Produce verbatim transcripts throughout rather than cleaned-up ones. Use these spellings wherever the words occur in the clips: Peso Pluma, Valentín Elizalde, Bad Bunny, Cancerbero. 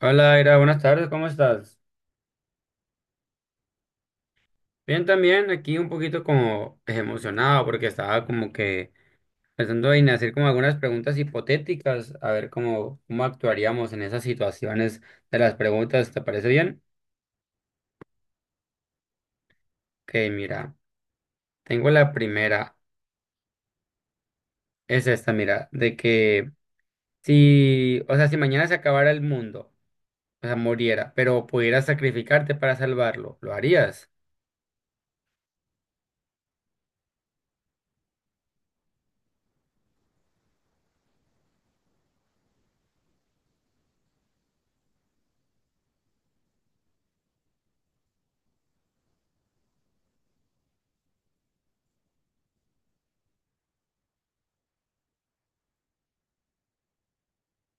Hola, Ira, buenas tardes, ¿cómo estás? Bien, también aquí un poquito como eh, emocionado porque estaba como que pensando en hacer como algunas preguntas hipotéticas, a ver cómo, cómo actuaríamos en esas situaciones de las preguntas, ¿te parece bien? Ok, mira, tengo la primera, es esta, mira, de que si, o sea, si mañana se acabara el mundo, o sea, muriera, pero pudieras sacrificarte para salvarlo, ¿lo harías?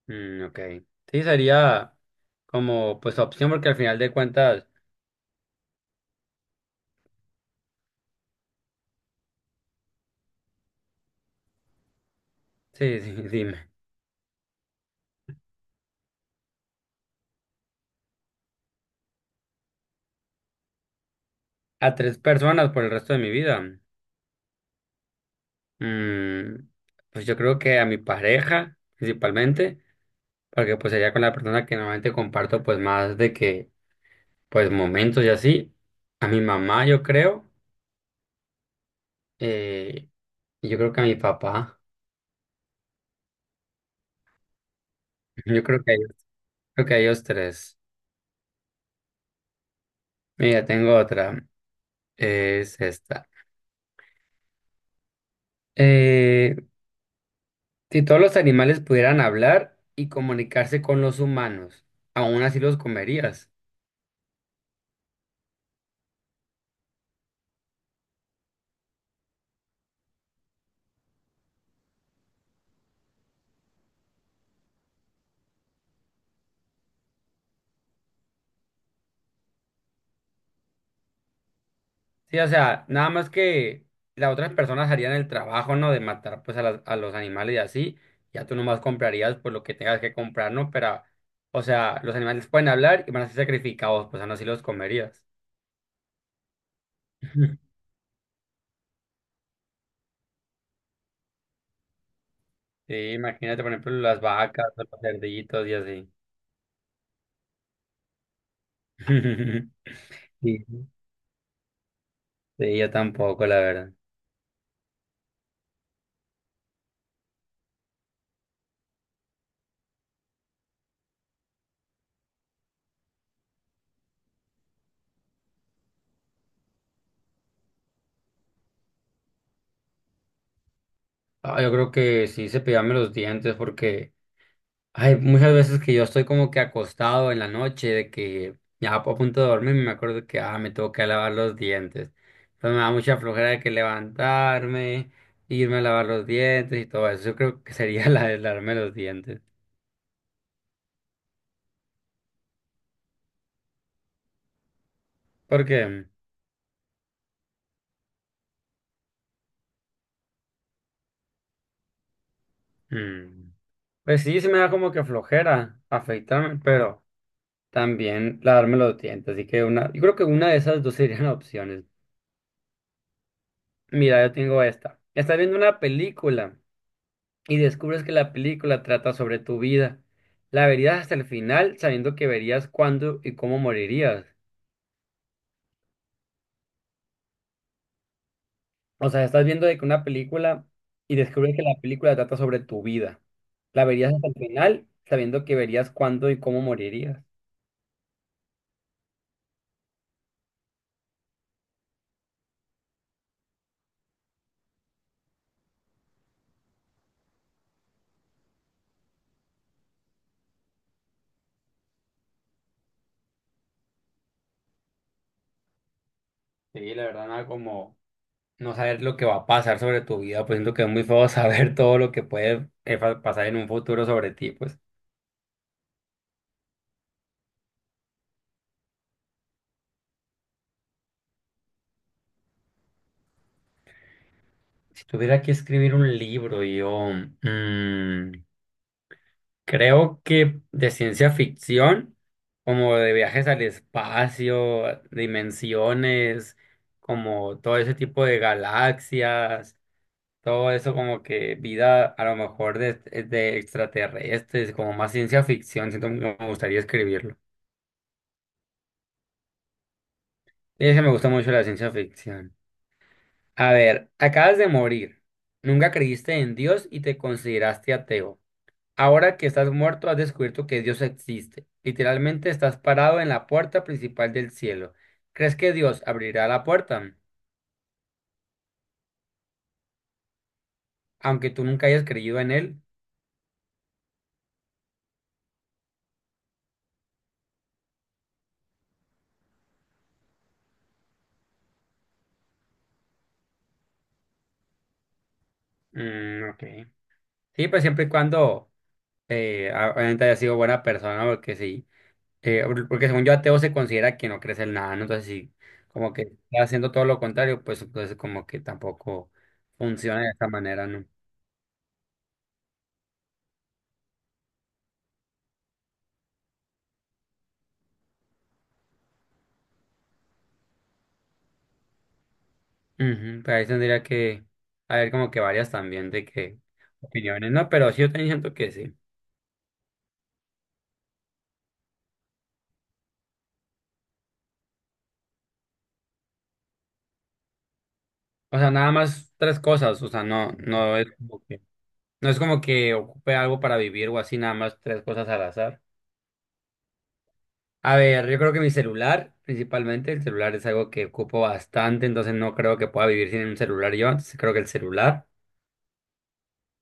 Mm, ok, sí, sería como pues opción porque al final de cuentas... Sí, sí, dime. A tres personas por el resto de mi vida. Mm, pues yo creo que a mi pareja, principalmente, porque pues sería con la persona que normalmente comparto pues más de que, pues momentos y así. A mi mamá, yo creo. eh, y yo creo que a mi papá. Yo creo que a ellos, creo que a ellos tres. Mira, tengo otra. Es esta. Eh, si todos los animales pudieran hablar y comunicarse con los humanos, ¿aún así los comerías? Sí, o sea, nada más que las otras personas harían el trabajo, ¿no? De matar pues a, las- a los animales y así. Ya tú nomás comprarías pues lo que tengas que comprar, ¿no? Pero, o sea, los animales pueden hablar y van a ser sacrificados, pues aún así los comerías. Sí, imagínate, por ejemplo, las vacas, o los cerditos y así. Sí, sí, yo tampoco, la verdad. Ah, yo creo que sí se cepillarme los dientes porque hay muchas veces que yo estoy como que acostado en la noche, de que ya a punto de dormir, me acuerdo que ah, me tengo que lavar los dientes. Entonces me da mucha flojera de que levantarme, irme a lavar los dientes y todo eso. Yo creo que sería la de lavarme los dientes. Porque, mm, pues sí, se me da como que flojera afeitarme, pero también lavarme los dientes. Así que una, yo creo que una de esas dos serían opciones. Mira, yo tengo esta. Estás viendo una película y descubres que la película trata sobre tu vida. ¿La verías hasta el final sabiendo que verías cuándo y cómo morirías? O sea, estás viendo de que una película y descubres que la película trata sobre tu vida. ¿La verías hasta el final sabiendo que verías cuándo y cómo morirías? Sí, la verdad, nada como no saber lo que va a pasar sobre tu vida, pues siento que es muy feo saber todo lo que puede eh, fa- pasar en un futuro sobre ti, pues. Si tuviera que escribir un libro, yo... mm, creo que de ciencia ficción, como de viajes al espacio, dimensiones, como todo ese tipo de galaxias, todo eso como que vida a lo mejor de, de extraterrestres, como más ciencia ficción, siento que me gustaría escribirlo. Y eso me gusta mucho la ciencia ficción. A ver, acabas de morir, nunca creíste en Dios y te consideraste ateo. Ahora que estás muerto, has descubierto que Dios existe. Literalmente estás parado en la puerta principal del cielo. ¿Crees que Dios abrirá la puerta? Aunque tú nunca hayas creído en él. Mm, ok. Sí, pues siempre y cuando eh, a- obviamente haya sido buena persona, porque sí. Eh, por- porque según yo, ateo se considera que no crees en nada, ¿no? Entonces, sí, como que está haciendo todo lo contrario, pues entonces como que tampoco funciona de esta manera, ¿no? Ujú, pues ahí tendría que haber como que varias también de que opiniones, ¿no? Pero sí yo también siento que sí. O sea, nada más tres cosas, o sea, no, no es como que, no es como que ocupe algo para vivir o así, nada más tres cosas al azar. A ver, yo creo que mi celular, principalmente, el celular es algo que ocupo bastante, entonces no creo que pueda vivir sin un celular yo, entonces creo que el celular.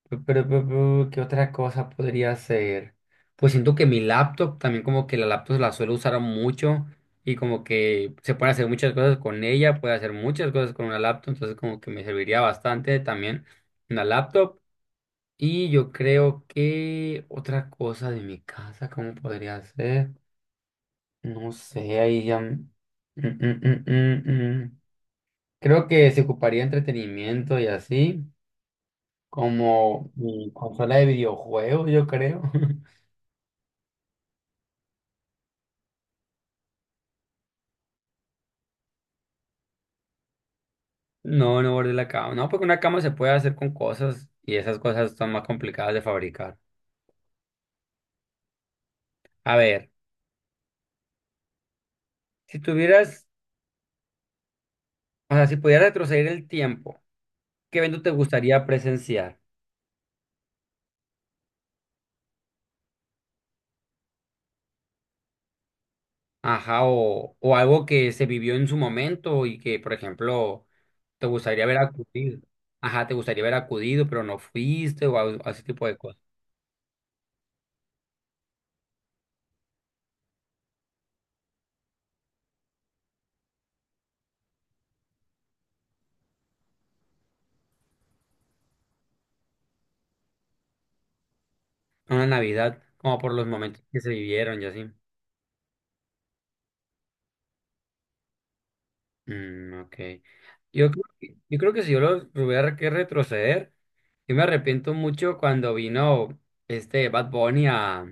Pero, pero, pero, ¿qué otra cosa podría hacer? Pues siento que mi laptop, también como que la laptop la suelo usar mucho y como que se pueden hacer muchas cosas con ella, puede hacer muchas cosas con una laptop, entonces como que me serviría bastante también una laptop. Y yo creo que otra cosa de mi casa, ¿cómo podría ser? No sé, ahí ya... mm, mm, mm, mm, mm. Creo que se ocuparía entretenimiento y así. Como mi consola de videojuegos, yo creo. No, no guardé la cama. No, porque una cama se puede hacer con cosas y esas cosas son más complicadas de fabricar. A ver, si tuvieras, o sea, si pudieras retroceder el tiempo, ¿qué evento te gustaría presenciar? Ajá, o, o algo que se vivió en su momento y que, por ejemplo, te gustaría haber acudido. Ajá, te gustaría haber acudido, pero no fuiste o algo- ese tipo de cosas. Una Navidad, como por los momentos que se vivieron y así. Mm, ok. Yo, creo que- yo creo que si yo lo tuviera que retroceder, yo me arrepiento mucho cuando vino este Bad Bunny a,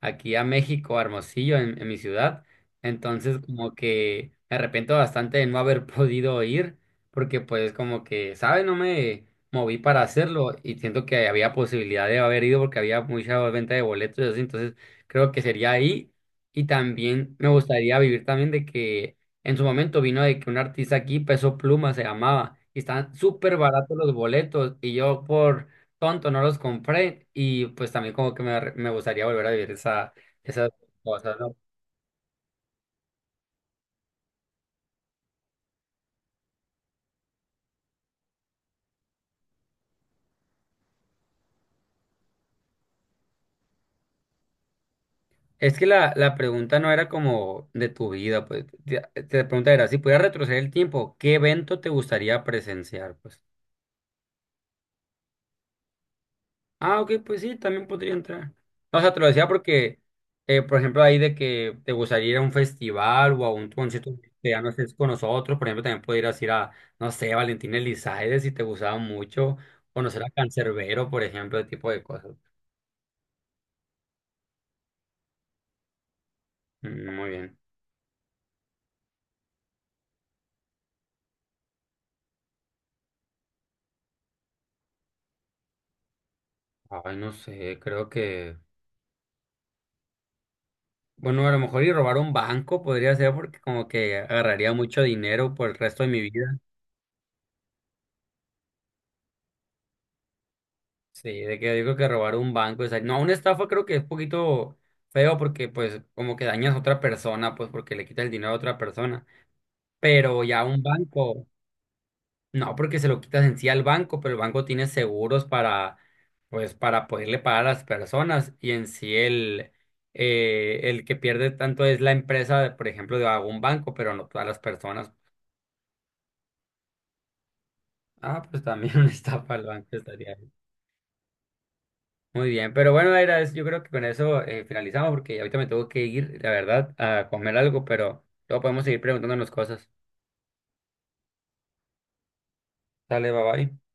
aquí a México, a Hermosillo, en, en mi ciudad. Entonces, como que me arrepiento bastante de no haber podido ir, porque pues como que, ¿sabes? No me moví para hacerlo y siento que había posibilidad de haber ido porque había mucha venta de boletos y así. Entonces, creo que sería ahí. Y también me gustaría vivir también de que en su momento vino de que un artista aquí, Peso Pluma se llamaba, y estaban súper baratos los boletos, y yo por tonto no los compré, y pues también como que me, me gustaría volver a vivir esa, esas cosas, ¿no? Es que la, la pregunta no era como de tu vida, pues, te, te- la pregunta era, si pudieras retroceder el tiempo, ¿qué evento te gustaría presenciar, pues? Ah, ok, pues sí, también podría entrar. No, o sea, te lo decía porque, eh, por ejemplo, ahí de que te gustaría ir a un festival o a un concierto que ya no estés con nosotros, por ejemplo, también podrías ir a, no sé, Valentín Elizalde si te gustaba mucho, conocer a Cancerbero, por ejemplo, ese tipo de cosas. Mm, muy bien. Ay, no sé, creo que, bueno, a lo mejor ir a robar un banco podría ser porque como que agarraría mucho dinero por el resto de mi vida. Sí, de que digo que robar un banco, o sea, no, una estafa creo que es un poquito feo porque pues como que dañas a otra persona, pues porque le quitas el dinero a otra persona, pero ya un banco, no, porque se lo quitas en sí al banco, pero el banco tiene seguros para, pues para poderle pagar a las personas y en sí el, eh, el que pierde tanto es la empresa, por ejemplo, de algún banco, pero no todas las personas. Ah, pues también una estafa al banco estaría. Muy bien, pero bueno, era, yo creo que con eso eh, finalizamos porque ahorita me tengo que ir, la verdad, a comer algo, pero luego podemos seguir preguntándonos cosas. Dale, bye bye.